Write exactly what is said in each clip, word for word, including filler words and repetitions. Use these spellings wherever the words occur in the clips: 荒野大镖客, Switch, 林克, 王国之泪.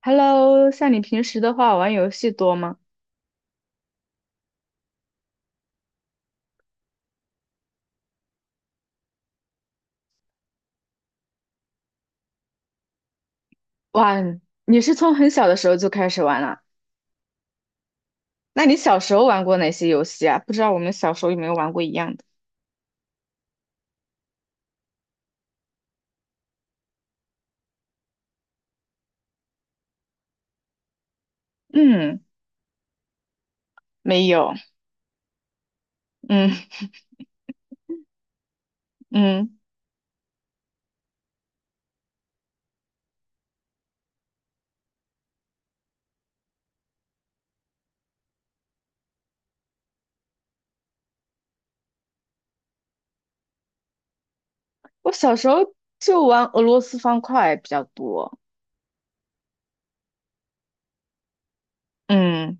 Hello，像你平时的话，玩游戏多吗？哇，你是从很小的时候就开始玩了？那你小时候玩过哪些游戏啊？不知道我们小时候有没有玩过一样的？嗯，没有。嗯嗯，我小时候就玩俄罗斯方块比较多。嗯，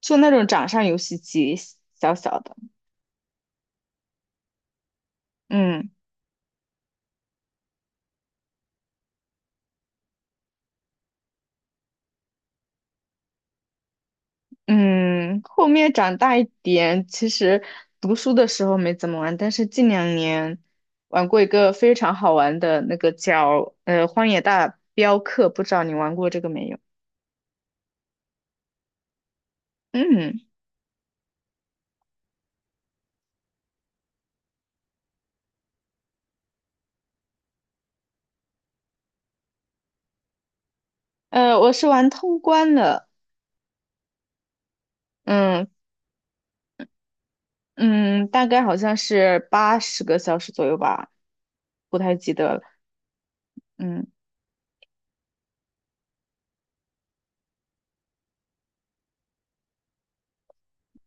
就那种掌上游戏机，小小的。嗯。嗯，后面长大一点，其实读书的时候没怎么玩，但是近两年玩过一个非常好玩的那个叫呃《荒野大镖客》，不知道你玩过这个没有？嗯，呃，我是玩通关的。嗯嗯，大概好像是八十个小时左右吧，不太记得了。嗯。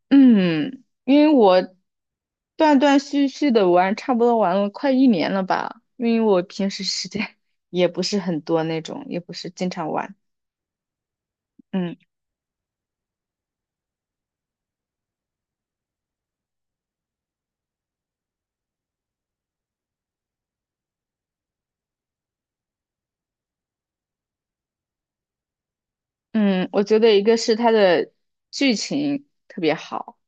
嗯，因为我断断续续的玩，差不多玩了快一年了吧。因为我平时时间 也不是很多那种，也不是经常玩。嗯嗯，我觉得一个是它的剧情特别好。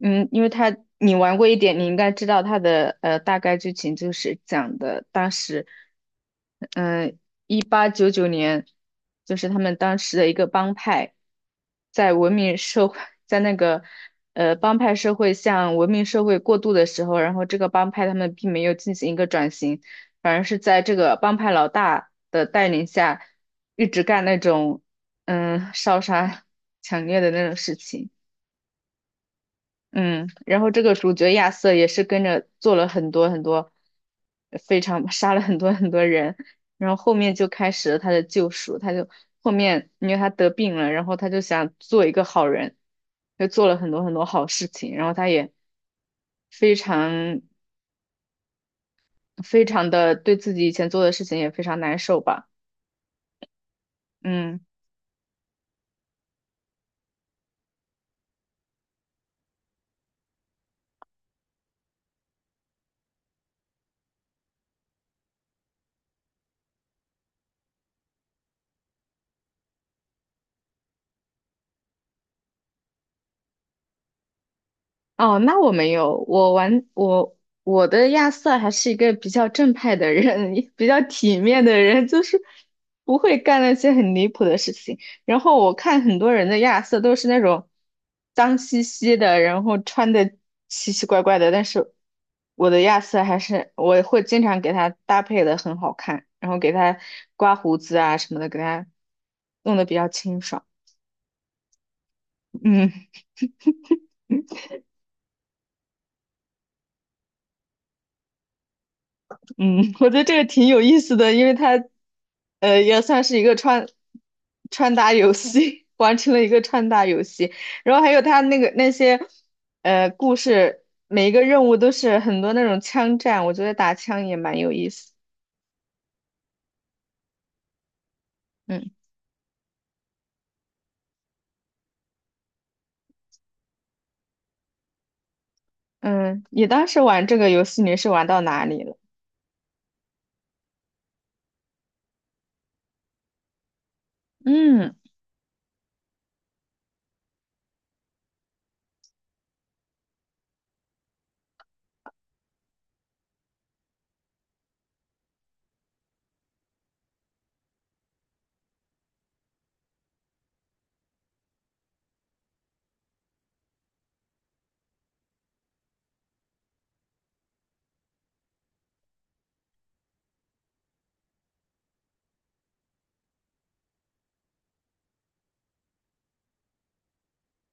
嗯，因为他你玩过一点，你应该知道他的呃大概剧情就是讲的当时，嗯、一八九九年，就是他们当时的一个帮派，在文明社会，在那个呃帮派社会向文明社会过渡的时候，然后这个帮派他们并没有进行一个转型，反而是在这个帮派老大的带领下，一直干那种嗯烧杀 抢掠的那种事情。嗯，然后这个主角亚瑟也是跟着做了很多很多，非常杀了很多很多人，然后后面就开始了他的救赎，他就后面因为他得病了，然后他就想做一个好人，就做了很多很多好事情，然后他也非常非常的对自己以前做的事情也非常难受吧。嗯。哦，那我没有，我玩我我的亚瑟还是一个比较正派的人，比较体面的人，就是不会干那些很离谱的事情。然后我看很多人的亚瑟都是那种脏兮兮的，然后穿的奇奇怪怪的，但是我的亚瑟还是我会经常给他搭配的很好看，然后给他刮胡子啊什么的，给他弄得比较清爽。嗯。嗯，我觉得这个挺有意思的，因为它，呃，也算是一个穿穿搭游戏，完成了一个穿搭游戏。然后还有它那个那些，呃，故事，每一个任务都是很多那种枪战，我觉得打枪也蛮有意思。嗯嗯，你当时玩这个游戏你是玩到哪里了？嗯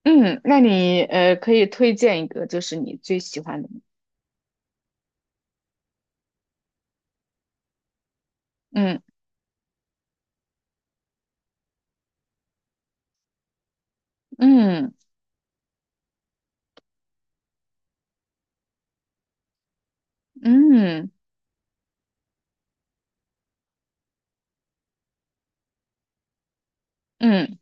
嗯，那你呃可以推荐一个，就是你最喜欢的吗？嗯嗯嗯嗯。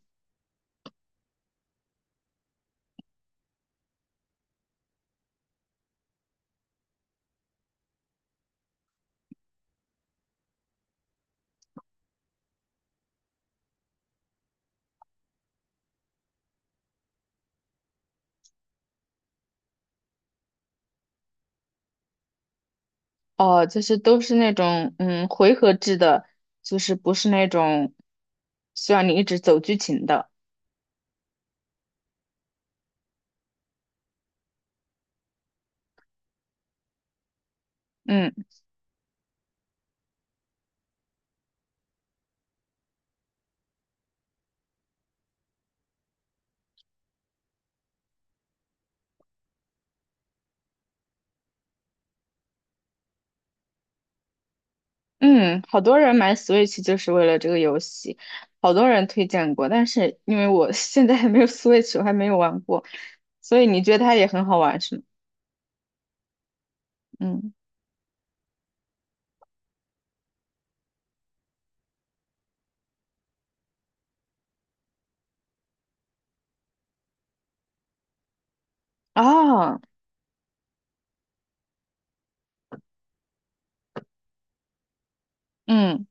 哦，就是都是那种嗯回合制的，就是不是那种需要你一直走剧情的。嗯嗯，好多人买 Switch 就是为了这个游戏，好多人推荐过，但是因为我 现在还没有 Switch，我还没有玩过，所以你觉得它也很好玩是吗？嗯，哦，嗯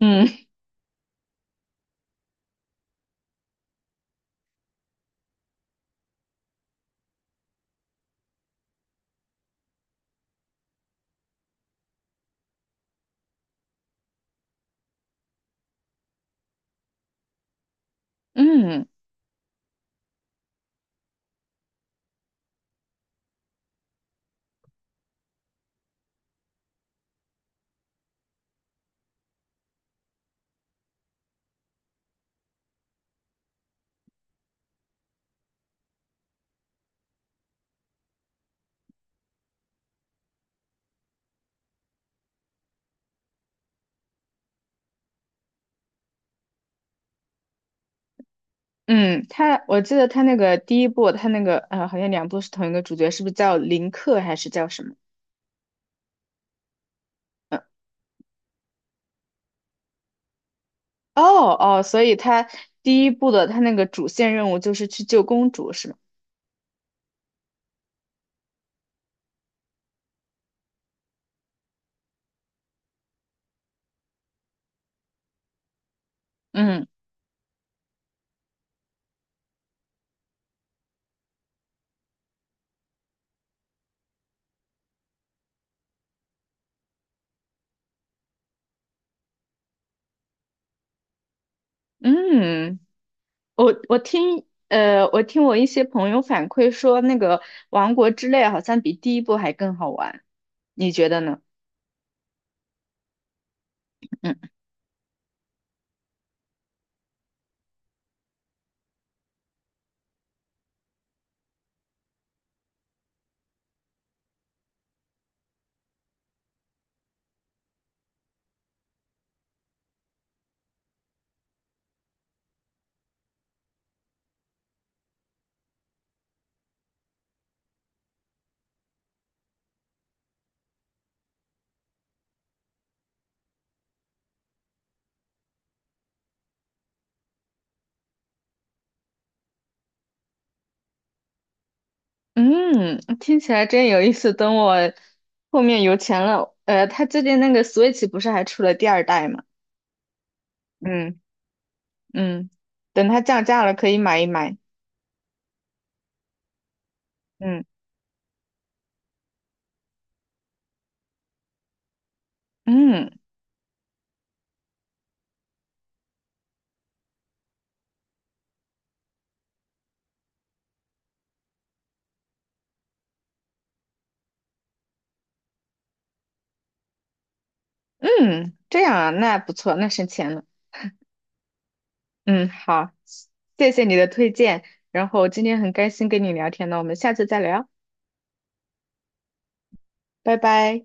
嗯嗯嗯，它我记得它那个第一部，它那个呃好像两部是同一个主角，是不是叫林克还是叫什么？哦哦，所以他第一部的他那个主线任务就是去救公主，是吗？嗯嗯，我我听呃，我听我一些朋友反馈说，那个《王国之泪》好像比第一部还更好玩，你觉得呢？嗯嗯，听起来真有意思。等我后面有钱了，呃，他最近那个 Switch 不是还出了第二代吗？嗯嗯，等它降价了可以买一买。嗯嗯嗯，这样啊，那不错，那省钱了。嗯，好，谢谢你的推荐，然后今天很开心跟你聊天呢，我们下次再聊，拜拜。